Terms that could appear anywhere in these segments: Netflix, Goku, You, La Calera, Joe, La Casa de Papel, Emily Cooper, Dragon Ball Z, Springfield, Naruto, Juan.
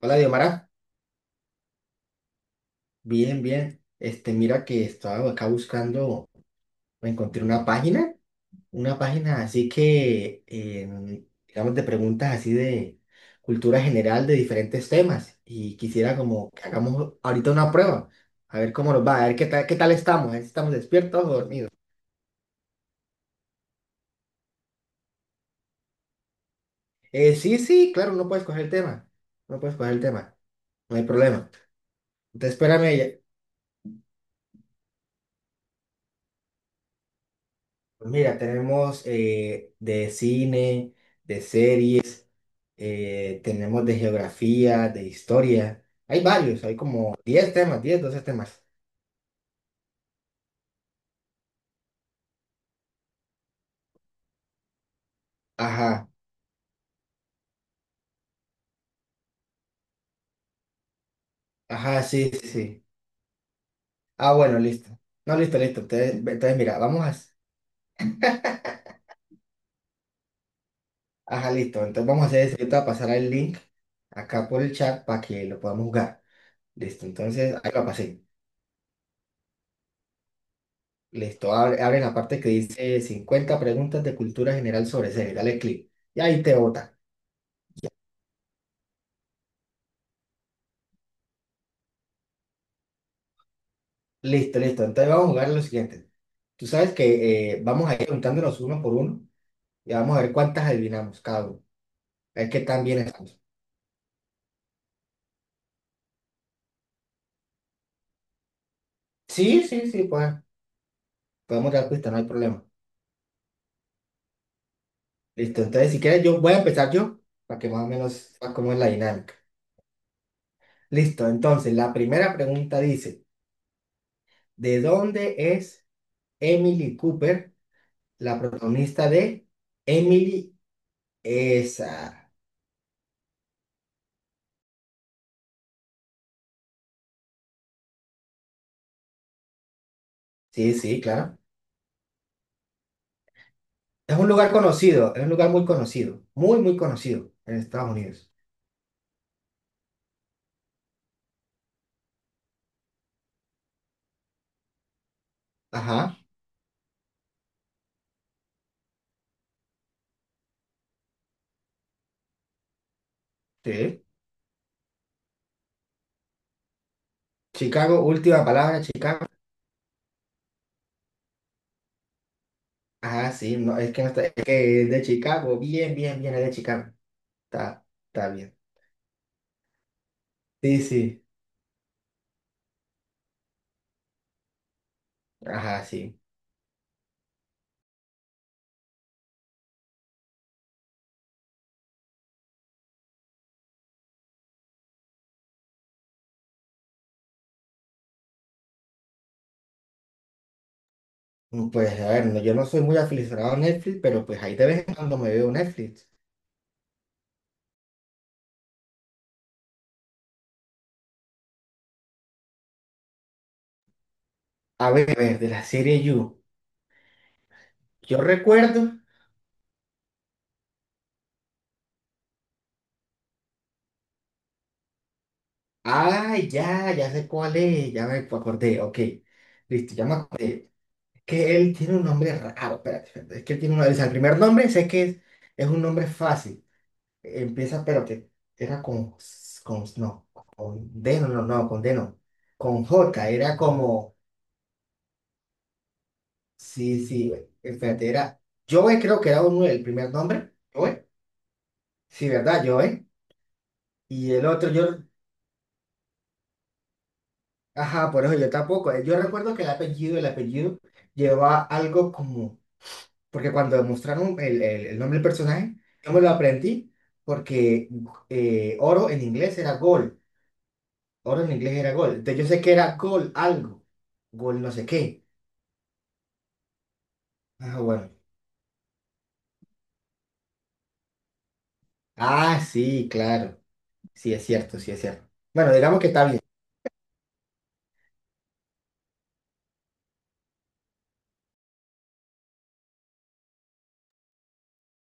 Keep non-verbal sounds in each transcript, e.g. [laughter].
Hola, Diomara. Bien, bien. Mira que estaba acá buscando, me encontré una página así que, digamos, de preguntas así de cultura general de diferentes temas. Y quisiera como que hagamos ahorita una prueba, a ver cómo nos va, a ver qué tal estamos, a ver si estamos despiertos o dormidos. Sí, sí, claro, no puedes coger el tema, no puedes coger el tema, no hay problema. Entonces, espérame, ya- Pues mira, tenemos de cine, de series, tenemos de geografía, de historia. Hay varios, hay como 10 temas, 10, 12 temas. Ajá, ajá, sí, sí, sí. Ah, bueno, listo. No, listo, listo. Entonces, entonces, mira, vamos a... Ajá, listo. Entonces vamos a hacer eso. Yo te voy a pasar el link acá por el chat para que lo podamos jugar. Listo, entonces ahí lo pasé. Listo, abre, abre la parte que dice 50 preguntas de cultura general sobre series. Dale clic. Y ahí te bota. Listo, listo. Entonces vamos a jugar lo siguiente. Tú sabes que vamos a ir preguntándonos uno por uno y vamos a ver cuántas adivinamos cada uno. A ver qué tan bien estamos. Sí, sí, sí, pues podemos dar pista, no hay problema. Listo, entonces si quieres yo voy a empezar yo para que más o menos sepas cómo es la dinámica. Listo, entonces la primera pregunta dice, ¿de dónde es Emily Cooper, la protagonista de Emily? Esa. Sí, sí, claro. Es un lugar conocido, es un lugar muy conocido, muy, muy conocido en Estados Unidos. Ajá, sí. Chicago, última palabra, Chicago. Ajá, sí, no, es que no está, es que es de Chicago, bien, bien, bien, es de Chicago. Está, está bien. Sí, sí, ajá, sí. Mm, pues a ver, no, yo no soy muy aficionado a Netflix, pero pues ahí de vez en cuando me veo Netflix. A ver, de la serie You. Yo recuerdo. Ah, ya, ya sé cuál es, ya me acordé, ok. Listo, ya me acordé. Que él tiene un nombre raro, espérate, espérate, es que él tiene un, o sea, el primer nombre sé que es un nombre fácil, empieza, espérate, era con, no, con D, no, no, no, con D no, con J, era como, sí, sí, espérate, era, Joe creo que era uno, el primer nombre, Joe, sí, ¿verdad? Joe, y el otro, yo, ajá, por eso yo tampoco, yo recuerdo que el apellido lleva algo como. Porque cuando mostraron el nombre del personaje, yo me lo aprendí porque oro en inglés era gol. Oro en inglés era gol. Entonces yo sé que era gol algo. Gol no sé qué. Ah, bueno. Ah, sí, claro. Sí, es cierto, sí, es cierto. Bueno, digamos que está bien.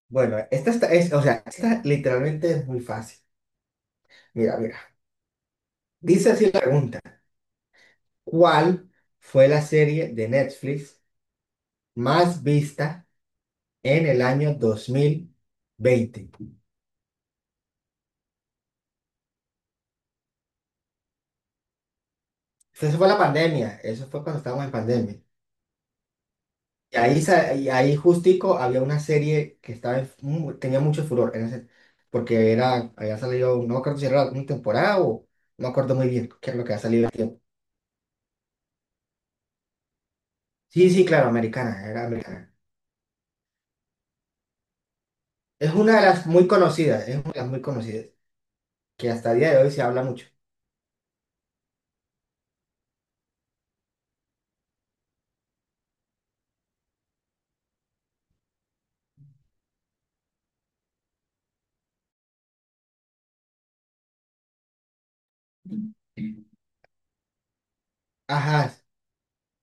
Bueno, esta está, es, o sea, esta literalmente es muy fácil. Mira, mira. Dice así la pregunta. ¿Cuál fue la serie de Netflix más vista en el año 2020? Esa fue la pandemia, eso fue cuando estábamos en pandemia. Y ahí, sa- y ahí justico había una serie que estaba en mu- tenía mucho furor, en ese- porque era, había salido, no me acuerdo si era una temporada o no me acuerdo muy bien qué es lo que ha salido el tiempo. Sí, sí, claro, americana, era americana. Es una de las muy conocidas, es una de las muy conocidas, que hasta el día de hoy se habla mucho. Ajá,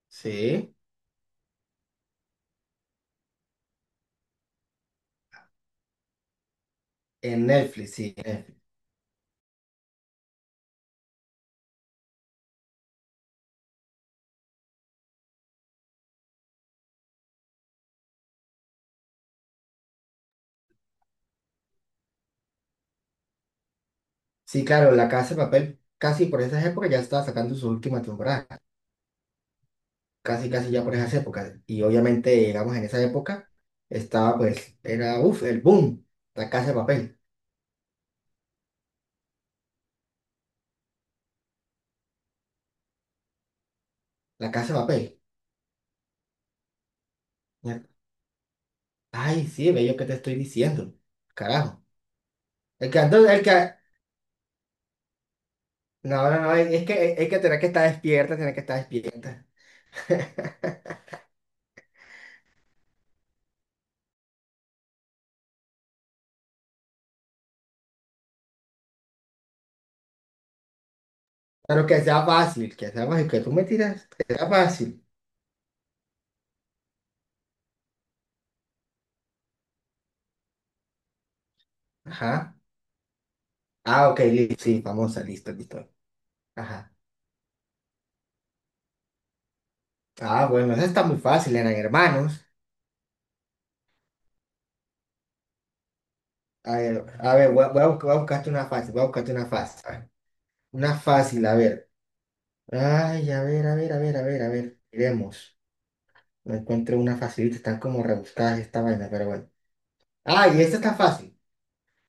sí, en Netflix, sí. En Netflix. Sí, claro, La Casa de Papel, casi por esas épocas ya estaba sacando su última temporada. Casi casi ya por esas épocas. Y obviamente, digamos, en esa época estaba pues, era, uff, el boom, la casa de papel, la casa de papel. Ya. Ay, sí, bello que te estoy diciendo. Carajo. El que ando- el que, no, no, no, es que tener que estar despierta, tener que estar despierta. Pero que sea fácil, que sea fácil, que tú me tiras, que sea fácil. Ajá. Ah, ok, listo, sí, famosa, listo, listo. Ajá. Ah, bueno, esa está muy fácil, eran hermanos. A ver, voy a buscarte una fácil, voy a buscarte una fácil. Una fácil, a ver. Ay, a ver, a ver, a ver, a ver, a ver. Iremos. No encuentro una facilita, están como rebuscadas esta vaina, pero bueno. Ay, esta está fácil.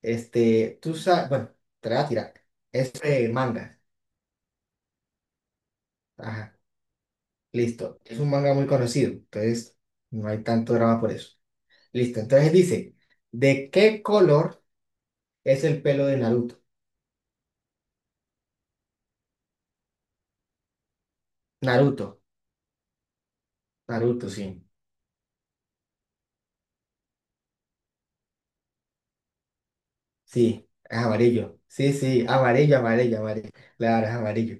Tú sabes, bueno, te la voy a tirar. Es manga. Ajá, listo. Es un manga muy conocido, entonces no hay tanto drama por eso. Listo, entonces dice, ¿de qué color es el pelo de Naruto? Naruto, Naruto, sí. Sí, es amarillo. Sí, sí, amarillo, amarillo, amarillo. Claro, es amarillo.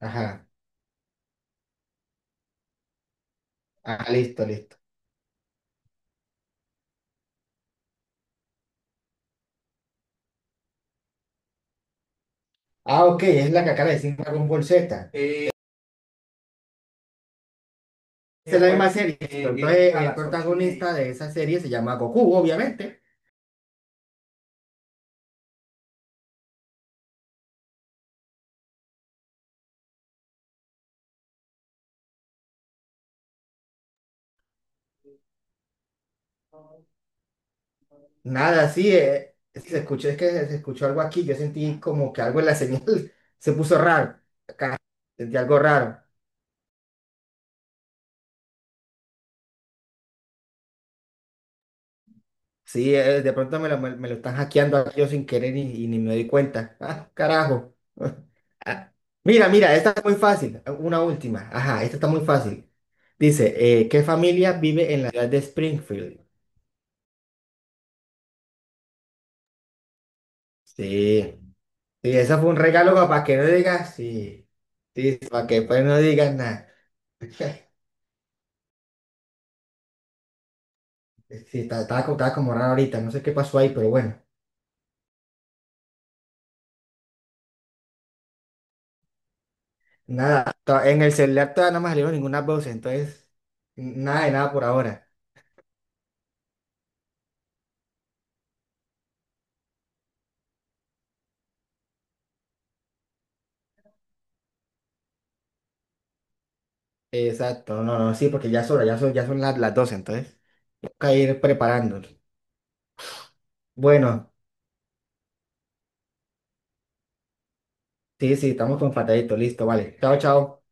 Ajá. Ah, listo, listo. Ah, ok, es la que acaba de decir Dragon Ball Z. Esa es la misma bueno, serie. Eh, listo. Viene entonces, a el las 8 y protagonista de esa serie se llama Goku, obviamente. Nada, sí, se escuchó, es que se escuchó algo aquí. Yo sentí como que algo en la señal [laughs] se puso raro. Sentí algo raro. Sí, de pronto me lo, me lo están hackeando aquí yo sin querer y ni me doy cuenta. Ah, carajo. [laughs] Ah. Mira, mira, esta es muy fácil. Una última. Ajá, esta está muy fácil. Dice, ¿qué familia vive en la ciudad de Springfield? Sí, sí, eso fue un regalo para que no digas, sí, sí, para que pues no digas nada. [laughs] Sí, estaba, estaba co- estaba como raro ahorita, no sé qué pasó ahí, pero bueno, nada, to- en el celular todavía no me salieron ninguna voz, entonces, nada de nada por ahora. Exacto, no, no, sí, porque ya son hora, ya son las, las 12, entonces, toca ir preparándonos. Bueno, sí, sí, estamos con fatadito, listo, vale, chao, chao.